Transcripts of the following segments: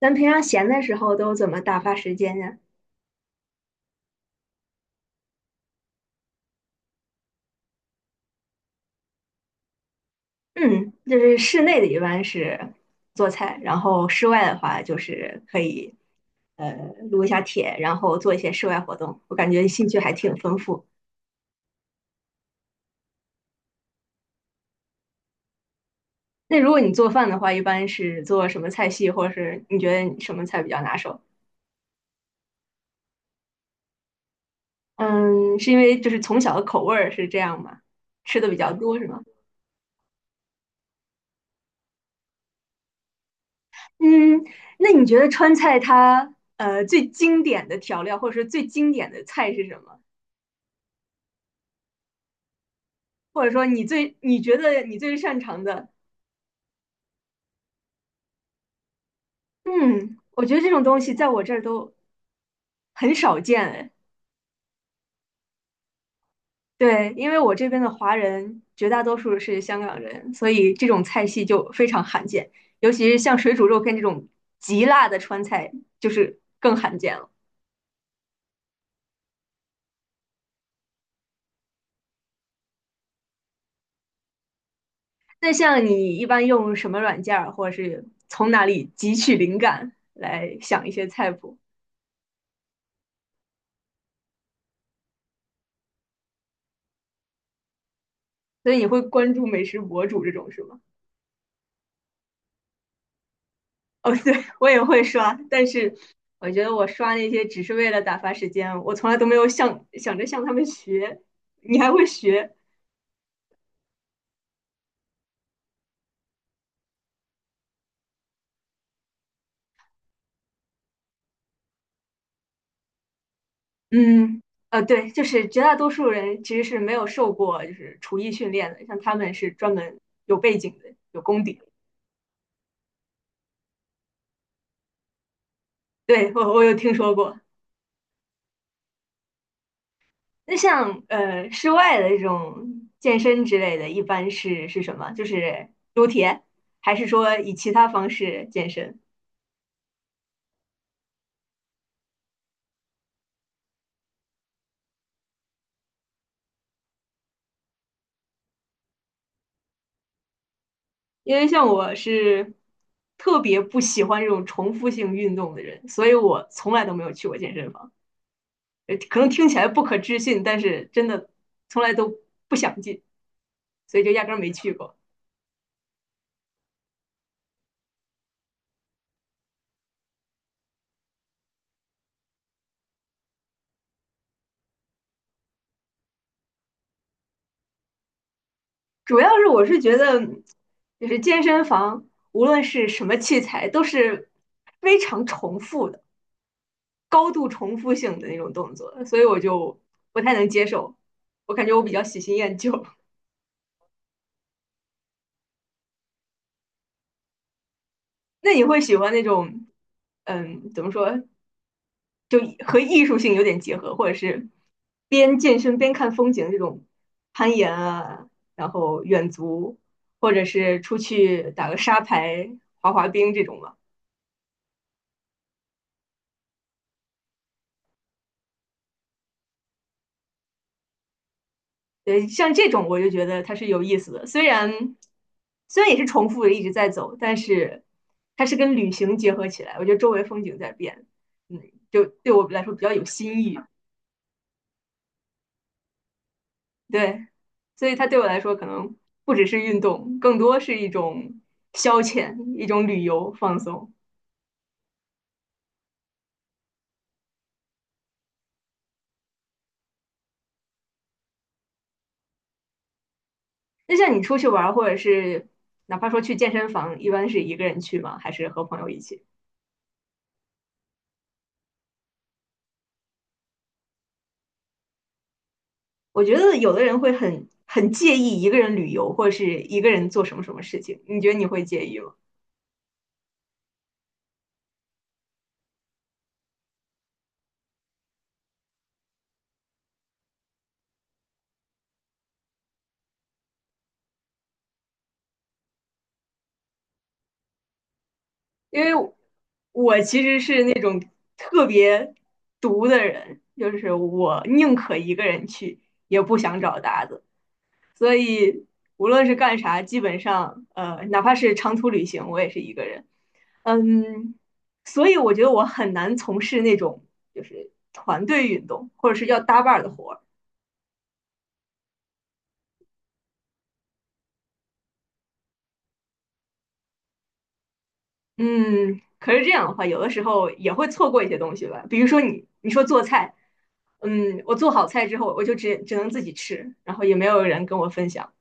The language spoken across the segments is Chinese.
咱平常闲的时候都怎么打发时间呀？嗯，就是室内的一般是做菜，然后室外的话就是可以呃撸一下铁，然后做一些室外活动。我感觉兴趣还挺丰富。那如果你做饭的话，一般是做什么菜系，或者是你觉得你什么菜比较拿手？嗯，是因为就是从小的口味儿是这样吗？吃的比较多是吗？嗯，那你觉得川菜它最经典的调料，或者是最经典的菜是什么？或者说你你觉得你最擅长的，嗯，我觉得这种东西在我这儿都很少见哎。对，因为我这边的华人绝大多数是香港人，所以这种菜系就非常罕见，尤其是像水煮肉片这种极辣的川菜，就是更罕见了。那像你一般用什么软件儿，或者是从哪里汲取灵感来想一些菜谱？所以你会关注美食博主这种是吗？哦，对，我也会刷，但是我觉得我刷那些只是为了打发时间，我从来都没有想着向他们学。你还会学？嗯，呃，对，就是绝大多数人其实是没有受过就是厨艺训练的，像他们是专门有背景的，有功底的。对，我我有听说过。那像室外的这种健身之类的，一般是什么？就是撸铁，还是说以其他方式健身？因为像我是特别不喜欢这种重复性运动的人，所以我从来都没有去过健身房。呃可能听起来不可置信，但是真的从来都不想进，所以就压根儿没去过。主要是我是觉得，就是健身房无论是什么器材，都是非常重复的、高度重复性的那种动作，所以我就不太能接受。我感觉我比较喜新厌旧。那你会喜欢那种，嗯，怎么说，就和艺术性有点结合，或者是边健身边看风景这种攀岩啊，然后远足，或者是出去打个沙排、滑滑冰这种吧。对，像这种我就觉得它是有意思的，虽然也是重复的一直在走，但是它是跟旅行结合起来，我觉得周围风景在变，嗯，就对我来说比较有新意。对，所以它对我来说可能不只是运动，更多是一种消遣，一种旅游放松。那像你出去玩儿，或者是哪怕说去健身房，一般是一个人去吗？还是和朋友一起？我觉得有的人会很介意一个人旅游，或者是一个人做什么什么事情。你觉得你会介意吗？因为我其实是那特别独的人，就是我宁可一个人去，也不想找搭子。所以无论是干啥，基本上，哪怕是长途旅行，我也是一个人。嗯，所以我觉得我很难从事那种就是团队运动或者是要搭伴儿的活儿。嗯，可是这样的话，有的时候也会错过一些东西吧。比如说你说做菜，嗯，我做好菜之后，我就只能自己吃，然后也没有人跟我分享，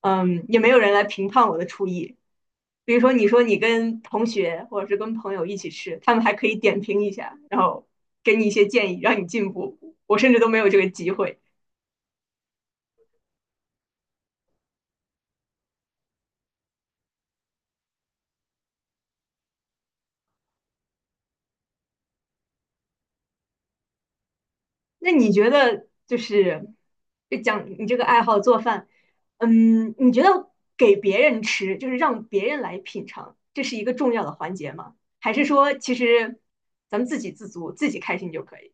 嗯，也没有人来评判我的厨艺。比如说你说你跟同学或者是跟朋友一起吃，他们还可以点评一下，然后给你一些建议，让你进步。我甚至都没有这个机会。那你觉得就是就讲你这个爱好做饭，嗯，你觉得给别人吃，就是让别人来品尝，这是一个重要的环节吗？还是说其实咱们自给自足，自己开心就可以？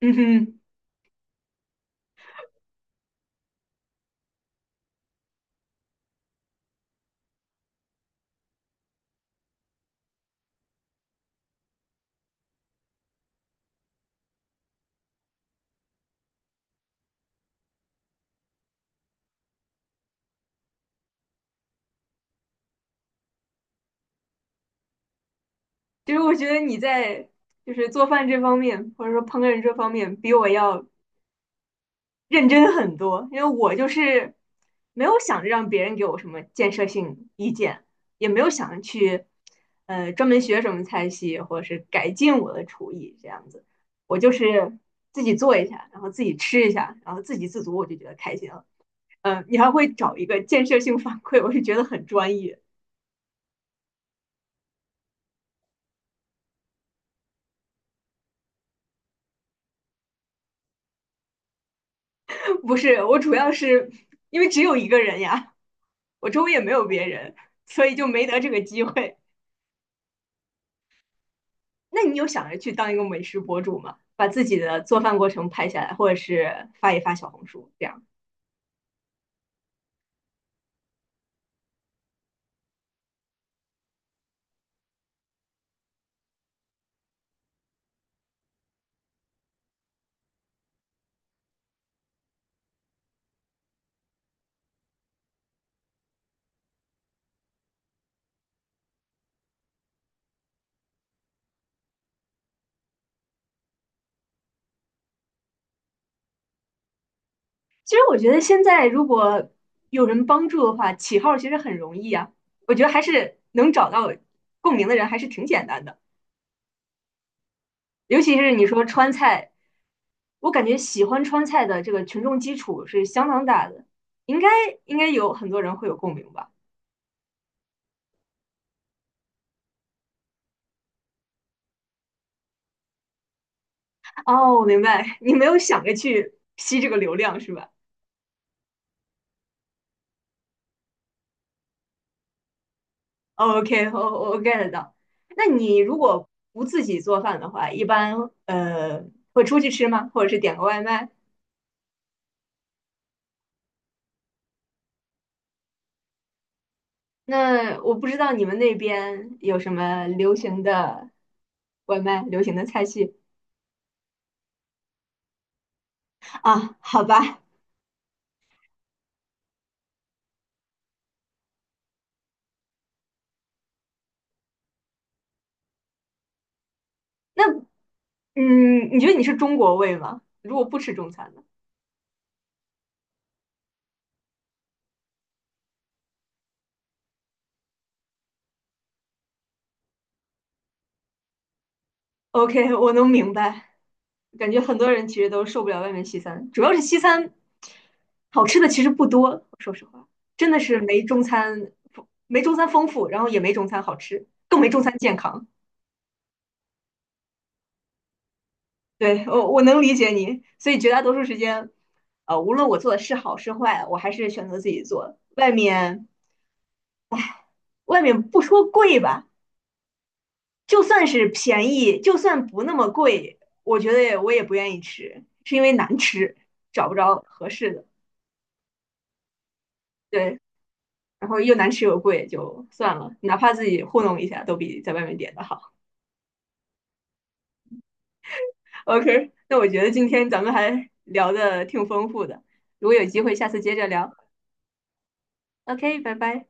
嗯哼，就是我觉得你在就是做饭这方面，或者说烹饪这方面，比我要认真很多，因为我就是没有想着让别人给我什么建设性意见，也没有想着去专门学什么菜系或者是改进我的厨艺这样子，我就是自己做一下，然后自己吃一下，然后自给自足，我就觉得开心了。嗯、你还会找一个建设性反馈，我是觉得很专业。不是，我主要是因为只有一个人呀，我周围也没有别人，所以就没得这个机会。那你有想着去当一个美食博主吗？把自己的做饭过程拍下来，或者是发一发小红书这样？其实我觉得现在如果有人帮助的话，起号其实很容易啊。我觉得还是能找到共鸣的人还是挺简单的，尤其是你说川菜，我感觉喜欢川菜的这个群众基础是相当大的，应该应该有很多人会有共鸣吧？哦，我明白，你没有想着去吸这个流量是吧？OK，我我 get 到。那你如果不自己做饭的话，一般会出去吃吗？或者是点个外卖？那我不知道你们那边有什么流行的外卖、流行的菜系啊？好吧，那嗯，你觉得你是中国胃吗？如果不吃中餐呢？OK，我能明白。感觉很多人其实都受不了外面西餐，主要是西餐好吃的其实不多，说实话，真的是没中餐丰富，然后也没中餐好吃，更没中餐健康。对，我能理解你，所以绝大多数时间，呃，无论我做的是好是坏，我还是选择自己做。外面不说贵吧，就算是便宜，就算不那么贵，我觉得我也不愿意吃，是因为难吃，找不着合适的。对，然后又难吃又贵，就算了，哪怕自己糊弄一下，都比在外面点的好。OK，那我觉得今天咱们还聊的挺丰富的，如果有机会，下次接着聊。OK，拜拜。